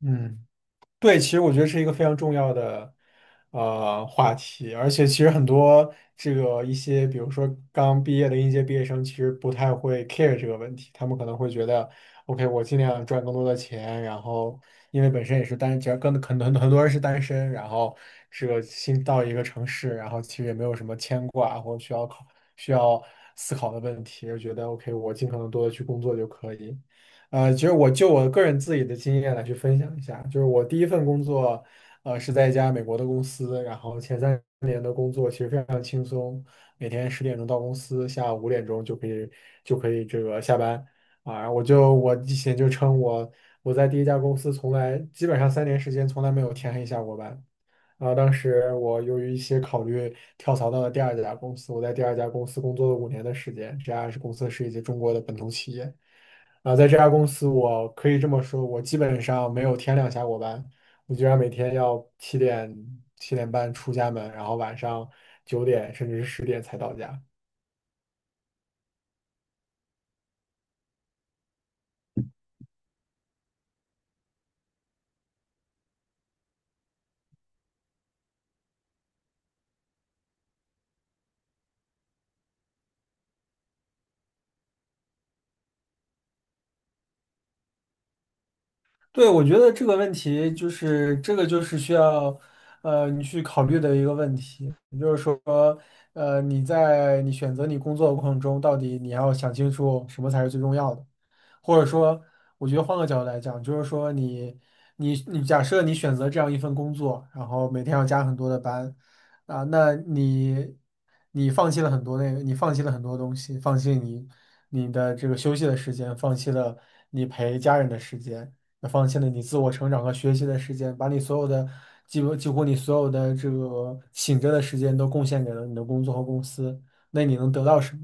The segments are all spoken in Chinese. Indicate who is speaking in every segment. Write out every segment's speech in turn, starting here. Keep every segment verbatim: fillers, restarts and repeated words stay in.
Speaker 1: 嗯，对，其实我觉得是一个非常重要的呃话题，而且其实很多这个一些，比如说刚毕业的应届毕业生，其实不太会 care 这个问题，他们可能会觉得，OK，我尽量赚更多的钱，然后因为本身也是单，只要跟很多很多人是单身，然后这个新到一个城市，然后其实也没有什么牵挂或需要考需要思考的问题，就觉得 OK，我尽可能多的去工作就可以。呃，其实我就我个人自己的经验来去分享一下，就是我第一份工作，呃，是在一家美国的公司，然后前三年的工作其实非常轻松，每天十点钟到公司，下午五点钟就可以就可以这个下班啊。我就我以前就称我我在第一家公司从来基本上三年时间从来没有天黑下过班，然后当时我由于一些考虑跳槽到了第二家公司，我在第二家公司工作了五年的时间。这家是公司是一家中国的本土企业，啊，在这家公司我可以这么说，我基本上没有天亮下过班，我居然每天要七点七点半出家门，然后晚上九点甚至是十点才到家。对，我觉得这个问题就是这个就是需要，呃，你去考虑的一个问题，也就是说，呃，你在你选择你工作的过程中，到底你要想清楚什么才是最重要的，或者说，我觉得换个角度来讲，就是说你你你假设你选择这样一份工作，然后每天要加很多的班，啊，那你你放弃了很多那个，你放弃了很多东西，放弃你你的这个休息的时间，放弃了你陪家人的时间。那放弃了你自我成长和学习的时间，把你所有的几乎几乎你所有的这个醒着的时间都贡献给了你的工作和公司，那你能得到什么？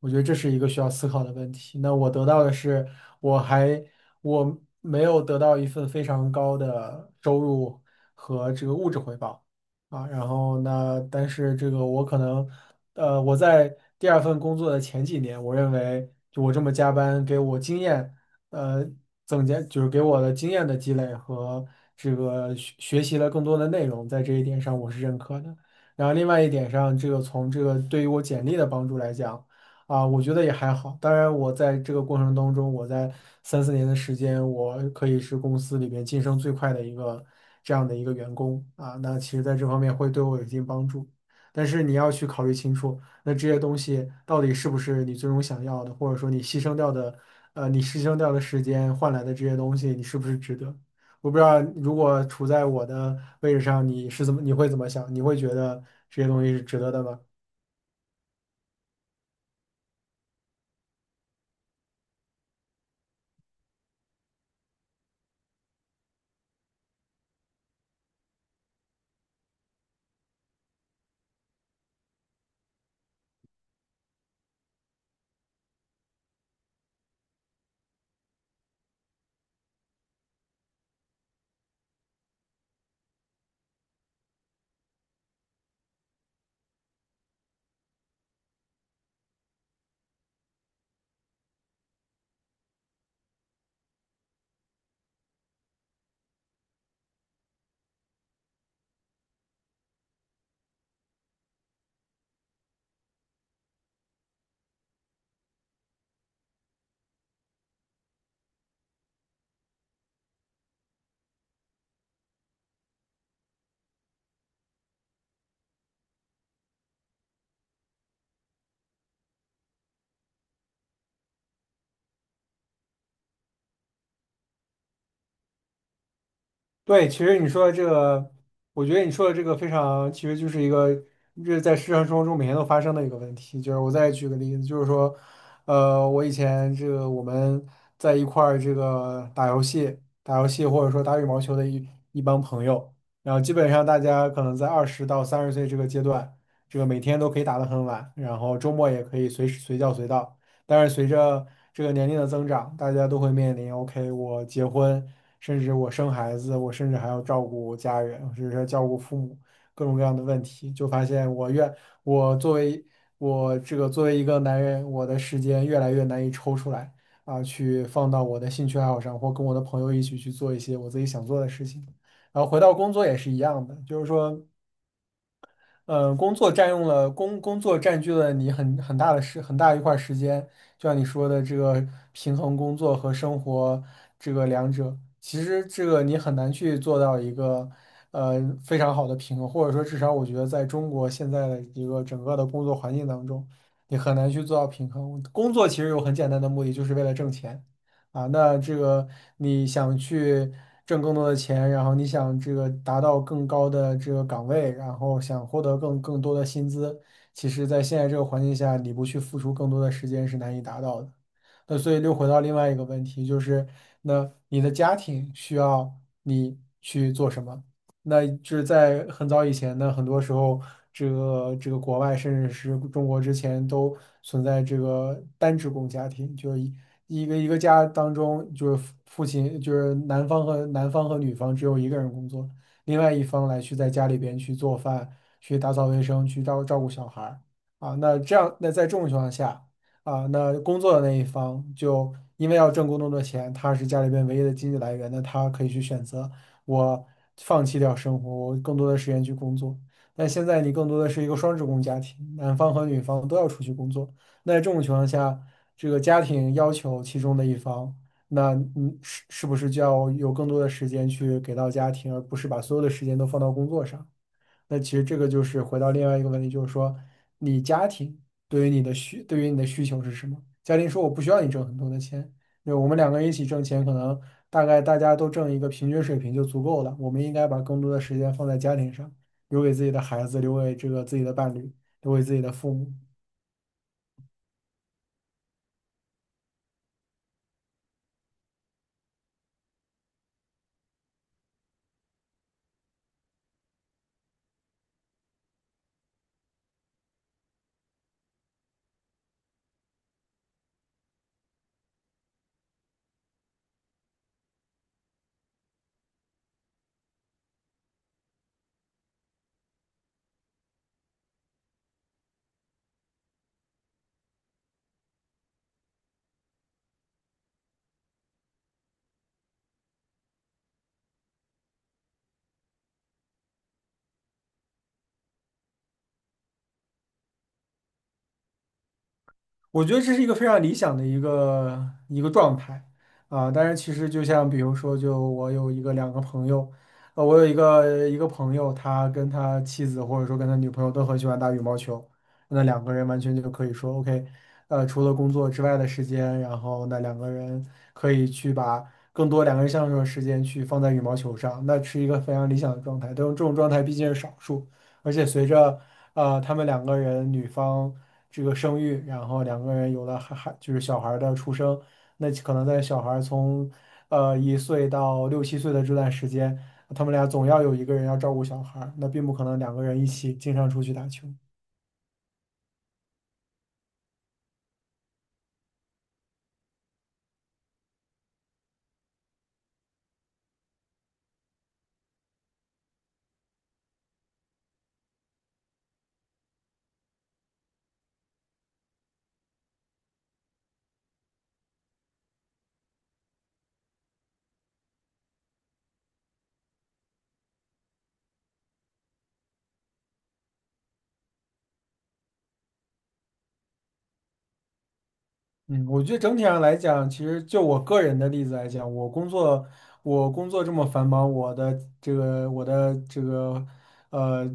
Speaker 1: 我觉得这是一个需要思考的问题。那我得到的是，我还我没有得到一份非常高的收入和这个物质回报啊。然后那但是这个我可能，呃，我在第二份工作的前几年，我认为就我这么加班给我经验。呃增加，就是给我的经验的积累和这个学学习了更多的内容，在这一点上我是认可的。然后另外一点上，这个从这个对于我简历的帮助来讲，啊，我觉得也还好。当然，我在这个过程当中，我在三四年的时间，我可以是公司里边晋升最快的一个这样的一个员工啊。那其实在这方面会对我有一定帮助，但是你要去考虑清楚。那这些东西到底是不是你最终想要的，或者说你牺牲掉的，呃，你牺牲掉的时间换来的这些东西，你是不是值得？我不知道，如果处在我的位置上，你是怎么，你会怎么想？你会觉得这些东西是值得的吗？对，其实你说的这个，我觉得你说的这个非常，其实就是一个这在日常生活中每天都发生的一个问题。就是我再举个例子，就是说，呃，我以前这个我们在一块儿这个打游戏、打游戏或者说打羽毛球的一一帮朋友，然后基本上大家可能在二十到三十岁这个阶段，这个每天都可以打得很晚，然后周末也可以随时随叫随到。但是随着这个年龄的增长，大家都会面临，OK，我结婚，甚至我生孩子，我甚至还要照顾家人，甚至是照顾父母，各种各样的问题，就发现我越我作为我这个作为一个男人，我的时间越来越难以抽出来啊，去放到我的兴趣爱好上，或跟我的朋友一起去做一些我自己想做的事情。然后回到工作也是一样的，就是说。呃，工作占用了工工作占据了你很很大的时很大一块儿时间，就像你说的，这个平衡工作和生活这个两者，其实这个你很难去做到一个呃非常好的平衡，或者说至少我觉得在中国现在的一个整个的工作环境当中，你很难去做到平衡。工作其实有很简单的目的，就是为了挣钱。啊，那这个你想去挣更多的钱，然后你想这个达到更高的这个岗位，然后想获得更更多的薪资，其实在现在这个环境下，你不去付出更多的时间是难以达到的。那所以又回到另外一个问题，就是那你的家庭需要你去做什么？那就是在很早以前呢，很多时候这个这个国外甚至是中国之前都存在这个单职工家庭，就是一一个一个家当中，就是父父亲，就是男方和男方和女方只有一个人工作，另外一方来去在家里边去做饭、去打扫卫生、去照照顾小孩儿啊。那这样，那在这种情况下啊，那工作的那一方就因为要挣更多的钱，他是家里边唯一的经济来源，那他可以去选择我放弃掉生活，我更多的时间去工作。但现在你更多的是一个双职工家庭，男方和女方都要出去工作。那在这种情况下，这个家庭要求其中的一方，那嗯是是不是就要有更多的时间去给到家庭，而不是把所有的时间都放到工作上？那其实这个就是回到另外一个问题，就是说你家庭对于你的需对于你的需求是什么？家庭说我不需要你挣很多的钱，那我们两个人一起挣钱，可能大概大家都挣一个平均水平就足够了。我们应该把更多的时间放在家庭上，留给自己的孩子，留给这个自己的伴侣，留给自己的父母。我觉得这是一个非常理想的一个一个状态啊，但是其实就像比如说，就我有一个两个朋友，呃，我有一个一个朋友，他跟他妻子或者说跟他女朋友都很喜欢打羽毛球，那两个人完全就可以说 OK，呃，除了工作之外的时间，然后那两个人可以去把更多两个人相处的时间去放在羽毛球上，那是一个非常理想的状态，但这种状态毕竟是少数，而且随着呃，他们两个人女方这个生育，然后两个人有了孩孩，就是小孩儿的出生，那可能在小孩儿从呃一岁到六七岁的这段时间，他们俩总要有一个人要照顾小孩儿那并不可能两个人一起经常出去打球。嗯，我觉得整体上来讲，其实就我个人的例子来讲，我工作我工作这么繁忙，我的这个我的这个呃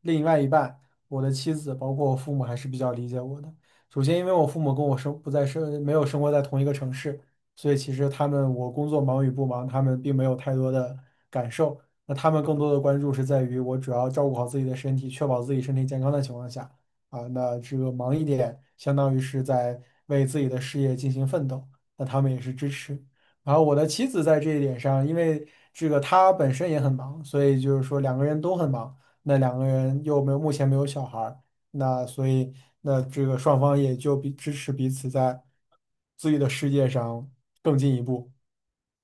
Speaker 1: 另外一半，我的妻子，包括我父母还是比较理解我的。首先，因为我父母跟我生不在生没有生活在同一个城市，所以其实他们我工作忙与不忙，他们并没有太多的感受。那他们更多的关注是在于我主要照顾好自己的身体，确保自己身体健康的情况下。啊，那这个忙一点，相当于是在为自己的事业进行奋斗，那他们也是支持。然后我的妻子在这一点上，因为这个她本身也很忙，所以就是说两个人都很忙，那两个人又没有目前没有小孩儿，那所以那这个双方也就彼支持彼此在自己的世界上更进一步，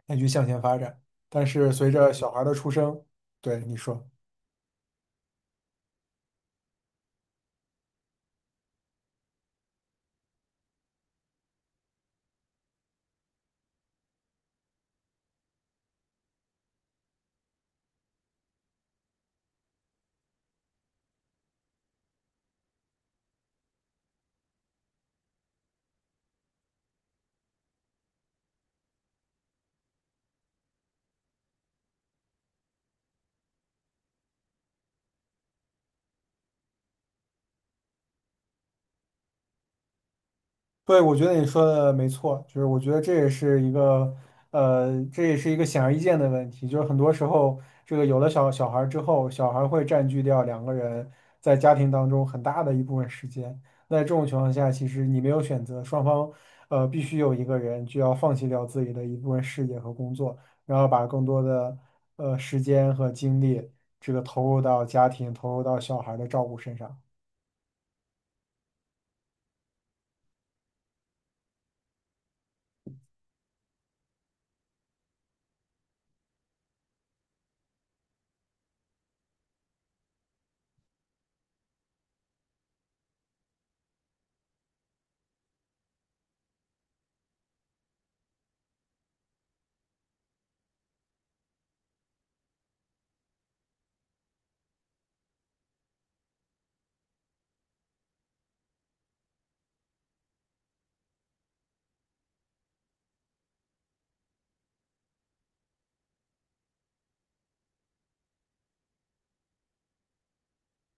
Speaker 1: 那去向前发展。但是随着小孩儿的出生，对你说。对，我觉得你说的没错，就是我觉得这也是一个，呃，这也是一个显而易见的问题，就是很多时候，这个有了小小孩儿之后，小孩儿会占据掉两个人在家庭当中很大的一部分时间。那这种情况下，其实你没有选择，双方，呃，必须有一个人就要放弃掉自己的一部分事业和工作，然后把更多的，呃，时间和精力，这个投入到家庭，投入到小孩儿的照顾身上。